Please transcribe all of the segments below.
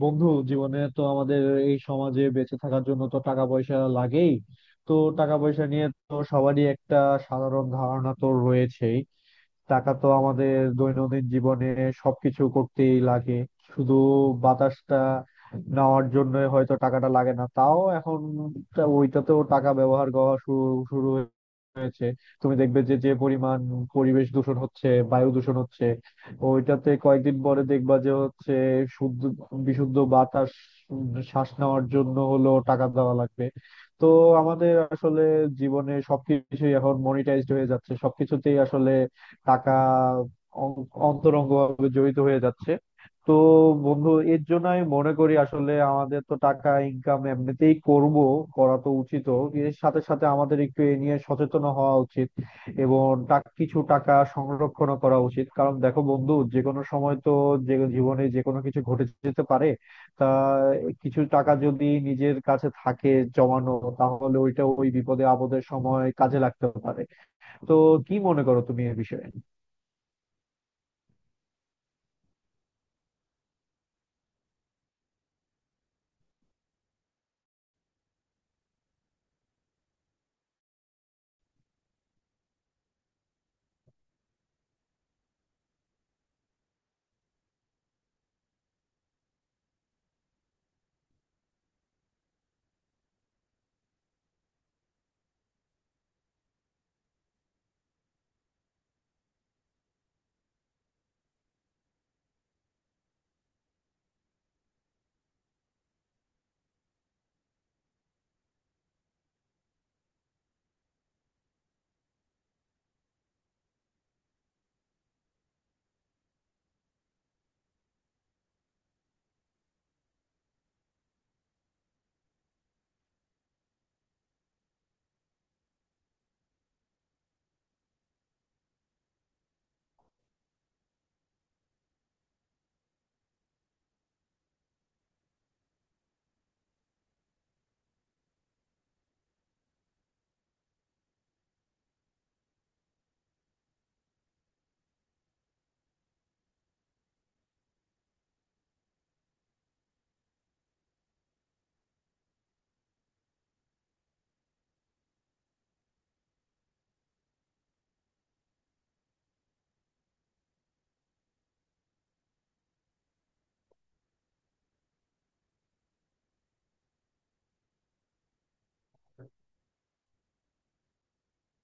বন্ধু, জীবনে তো আমাদের এই সমাজে বেঁচে থাকার জন্য তো টাকা পয়সা লাগেই। তো টাকা পয়সা নিয়ে তো সবারই একটা সাধারণ ধারণা তো রয়েছেই। টাকা তো আমাদের দৈনন্দিন জীবনে সবকিছু করতেই লাগে। শুধু বাতাসটা নেওয়ার জন্য হয়তো টাকাটা লাগে না, তাও এখন তা ওইটাতেও টাকা ব্যবহার করা শুরু শুরু হয়েছে। তুমি দেখবে যে যে পরিমাণ পরিবেশ দূষণ হচ্ছে, বায়ু দূষণ হচ্ছে, ওইটাতে কয়েকদিন পরে দেখবা যে হচ্ছে শুদ্ধ বিশুদ্ধ বাতাস। উম, শ্বাস নেওয়ার জন্য হলো টাকা দেওয়া লাগবে। তো আমাদের আসলে জীবনে সবকিছুই এখন মনিটাইজড হয়ে যাচ্ছে, সবকিছুতেই আসলে টাকা অন্তরঙ্গভাবে জড়িত হয়ে যাচ্ছে। তো বন্ধু, এর জন্য আমি মনে করি আসলে আমাদের তো টাকা ইনকাম এমনিতেই করব, করা তো উচিত। এর সাথে সাথে আমাদের একটু এ নিয়ে সচেতন হওয়া উচিত এবং কিছু টাকা সংরক্ষণ করা উচিত, কারণ দেখো বন্ধু, যে কোনো সময় তো যে জীবনে যে কোনো কিছু ঘটে যেতে পারে। তা কিছু টাকা যদি নিজের কাছে থাকে জমানো, তাহলে ওইটা ওই বিপদে আপদের সময় কাজে লাগতে পারে। তো কি মনে করো তুমি এ বিষয়ে?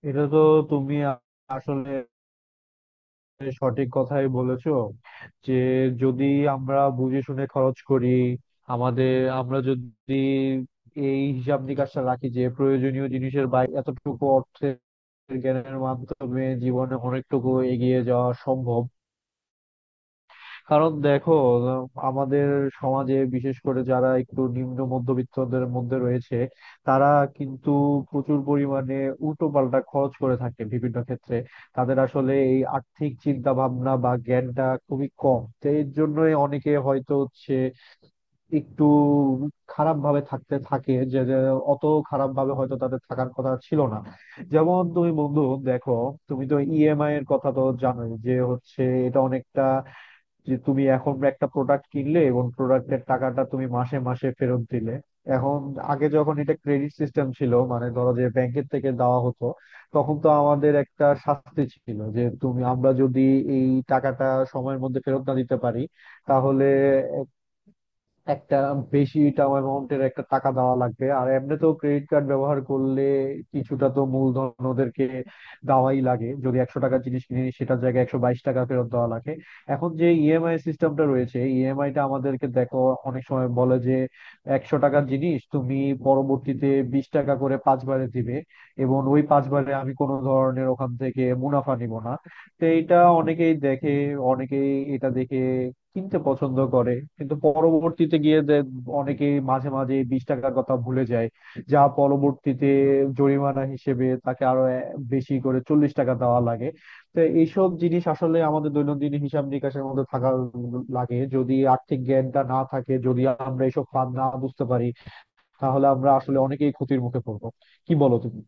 এটা তো তুমি আ- আসলে সঠিক কথাই বলেছো, যে যদি আমরা বুঝে শুনে খরচ করি, আমাদের, আমরা যদি এই হিসাব নিকাশটা রাখি যে প্রয়োজনীয় জিনিসের বাইরে এতটুকু অর্থের জ্ঞানের মাধ্যমে জীবনে অনেকটুকু এগিয়ে যাওয়া সম্ভব। কারণ দেখো, আমাদের সমাজে বিশেষ করে যারা একটু নিম্ন মধ্যবিত্তদের মধ্যে রয়েছে, তারা কিন্তু প্রচুর পরিমাণে উল্টো পাল্টা খরচ করে থাকে বিভিন্ন ক্ষেত্রে। তাদের আসলে এই আর্থিক চিন্তা ভাবনা বা জ্ঞানটা খুবই কম, তো এর জন্যই অনেকে হয়তো হচ্ছে একটু খারাপ ভাবে থাকতে থাকে, যে যে অত খারাপ ভাবে হয়তো তাদের থাকার কথা ছিল না। যেমন তুমি বন্ধু দেখো, তুমি তো ইএমআই এর কথা তো জানোই, যে হচ্ছে এটা অনেকটা যে তুমি এখন একটা প্রোডাক্ট কিনলে এবং প্রোডাক্টের টাকাটা তুমি মাসে মাসে ফেরত দিলে। এখন আগে যখন এটা ক্রেডিট সিস্টেম ছিল, মানে ধরো যে ব্যাংকের থেকে দেওয়া হতো, তখন তো আমাদের একটা শাস্তি ছিল যে তুমি আমরা যদি এই টাকাটা সময়ের মধ্যে ফেরত না দিতে পারি, তাহলে একটা বেশি টার্ম অ্যামাউন্টের একটা টাকা দেওয়া লাগবে। আর এমনিতেও ক্রেডিট কার্ড ব্যবহার করলে কিছুটা তো মূলধন ওদেরকে দেওয়াই লাগে, যদি 100 টাকার জিনিস কিনি সেটার জায়গায় 122 টাকা ফেরত দেওয়া লাগে। এখন যে ইএমআই সিস্টেমটা রয়েছে, ইএমআই টা আমাদেরকে দেখো অনেক সময় বলে যে 100 টাকার জিনিস তুমি পরবর্তীতে 20 টাকা করে পাঁচবারে দিবে, এবং ওই পাঁচবারে আমি কোনো ধরনের ওখান থেকে মুনাফা নিব না। তো এটা অনেকেই দেখে, অনেকেই এটা দেখে কিনতে পছন্দ করে। কিন্তু পরবর্তীতে গিয়ে যে অনেকে মাঝে মাঝে 20 টাকার কথা ভুলে যায়, যা পরবর্তীতে জরিমানা হিসেবে তাকে আরো বেশি করে 40 টাকা দেওয়া লাগে। তো এইসব জিনিস আসলে আমাদের দৈনন্দিন হিসাব নিকাশের মধ্যে থাকা লাগে, যদি আর্থিক জ্ঞানটা না থাকে, যদি আমরা এইসব ফাঁদ না বুঝতে পারি, তাহলে আমরা আসলে অনেকেই ক্ষতির মুখে পড়বো। কি বলো তুমি?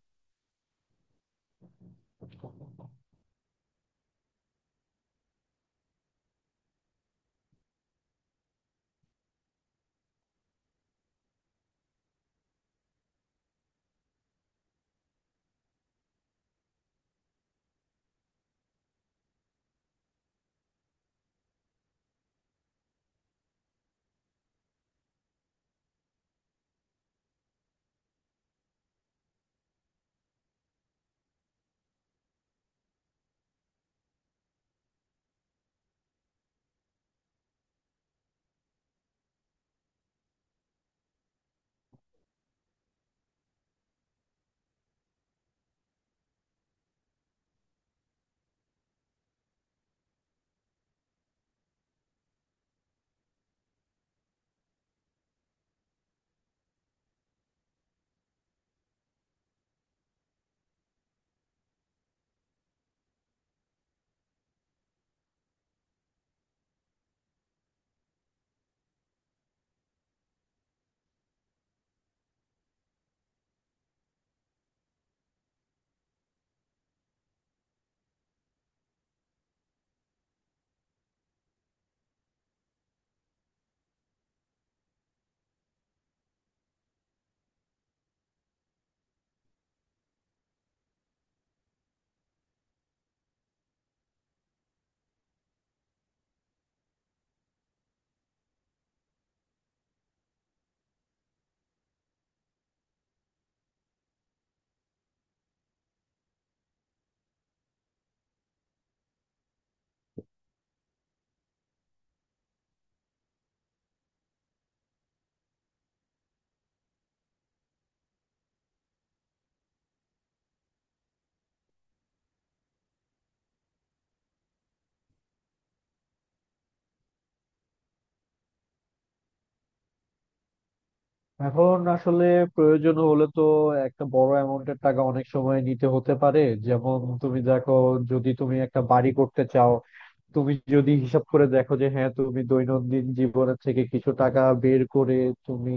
এখন আসলে প্রয়োজন হলে তো একটা বড় অ্যামাউন্টের টাকা অনেক সময় নিতে হতে পারে। যেমন তুমি দেখো, যদি তুমি একটা বাড়ি করতে চাও, তুমি যদি হিসাব করে দেখো যে হ্যাঁ তুমি দৈনন্দিন জীবনের থেকে কিছু টাকা বের করে তুমি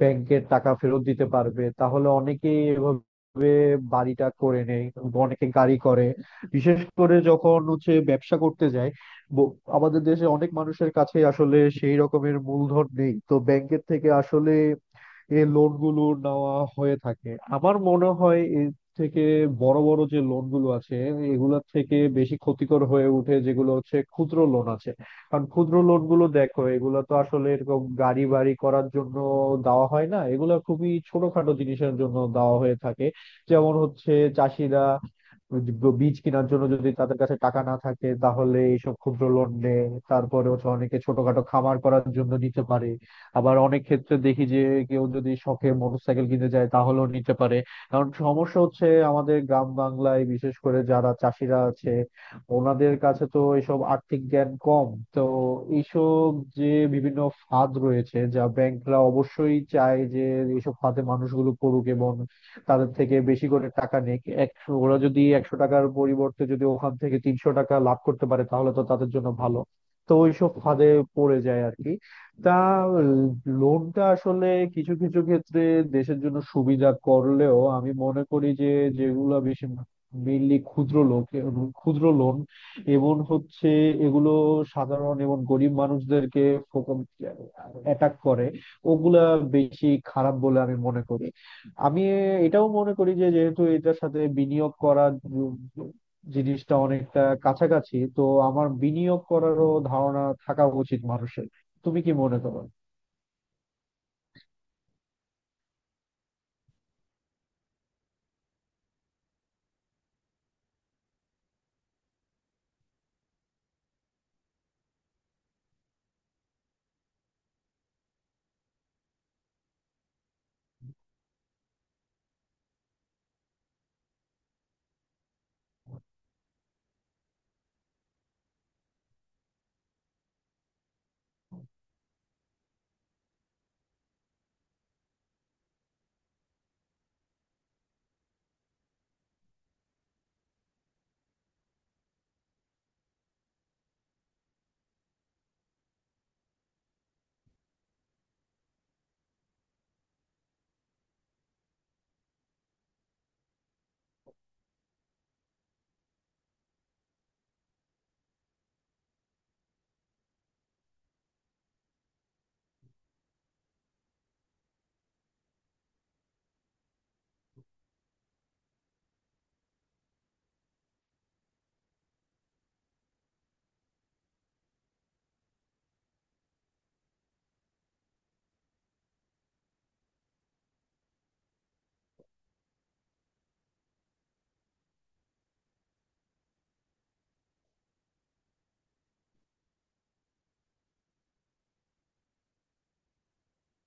ব্যাংকের টাকা ফেরত দিতে পারবে, তাহলে অনেকেই এভাবে বাড়িটা করে নেয়। অনেকে গাড়ি করে, বিশেষ করে যখন হচ্ছে ব্যবসা করতে যায়। আমাদের দেশে অনেক মানুষের কাছে আসলে সেই রকমের মূলধন নেই, তো ব্যাংকের থেকে আসলে এই লোন গুলো নেওয়া হয়ে থাকে। আমার মনে হয় এর থেকে বড় বড় যে লোন গুলো আছে, এগুলোর থেকে বেশি ক্ষতিকর হয়ে উঠে যেগুলো হচ্ছে ক্ষুদ্র লোন আছে। কারণ ক্ষুদ্র লোন গুলো দেখো, এগুলো তো আসলে এরকম গাড়ি বাড়ি করার জন্য দেওয়া হয় না, এগুলো খুবই ছোটখাটো জিনিসের জন্য দেওয়া হয়ে থাকে। যেমন হচ্ছে চাষিরা বীজ কেনার জন্য যদি তাদের কাছে টাকা না থাকে তাহলে এইসব ক্ষুদ্র লোন নেয়। তারপরে হচ্ছে অনেকে ছোটখাটো খামার করার জন্য নিতে পারে। আবার অনেক ক্ষেত্রে দেখি যে কেউ যদি শখে মোটরসাইকেল কিনতে চায় তাহলেও নিতে পারে। কারণ সমস্যা হচ্ছে আমাদের গ্রাম বাংলায় বিশেষ করে যারা চাষিরা আছে, ওনাদের কাছে তো এইসব আর্থিক জ্ঞান কম। তো এইসব যে বিভিন্ন ফাঁদ রয়েছে, যা ব্যাংকরা অবশ্যই চায় যে এইসব ফাঁদে মানুষগুলো পড়ুক এবং তাদের থেকে বেশি করে টাকা নিক। ওরা যদি 100 টাকার পরিবর্তে যদি ওখান থেকে 300 টাকা লাভ করতে পারে তাহলে তো তাদের জন্য ভালো। তো ওইসব ফাঁদে পড়ে যায় আর কি। তা লোনটা আসলে কিছু কিছু ক্ষেত্রে দেশের জন্য সুবিধা করলেও আমি মনে করি যে যেগুলো বেশি মেইনলি ক্ষুদ্র লোন এবং হচ্ছে এগুলো সাধারণ এবং গরিব মানুষদেরকে অ্যাটাক করে, ওগুলা বেশি খারাপ বলে আমি মনে করি। আমি এটাও মনে করি যে যেহেতু এটার সাথে বিনিয়োগ করার জিনিসটা অনেকটা কাছাকাছি, তো আমার বিনিয়োগ করারও ধারণা থাকা উচিত মানুষের। তুমি কি মনে করো?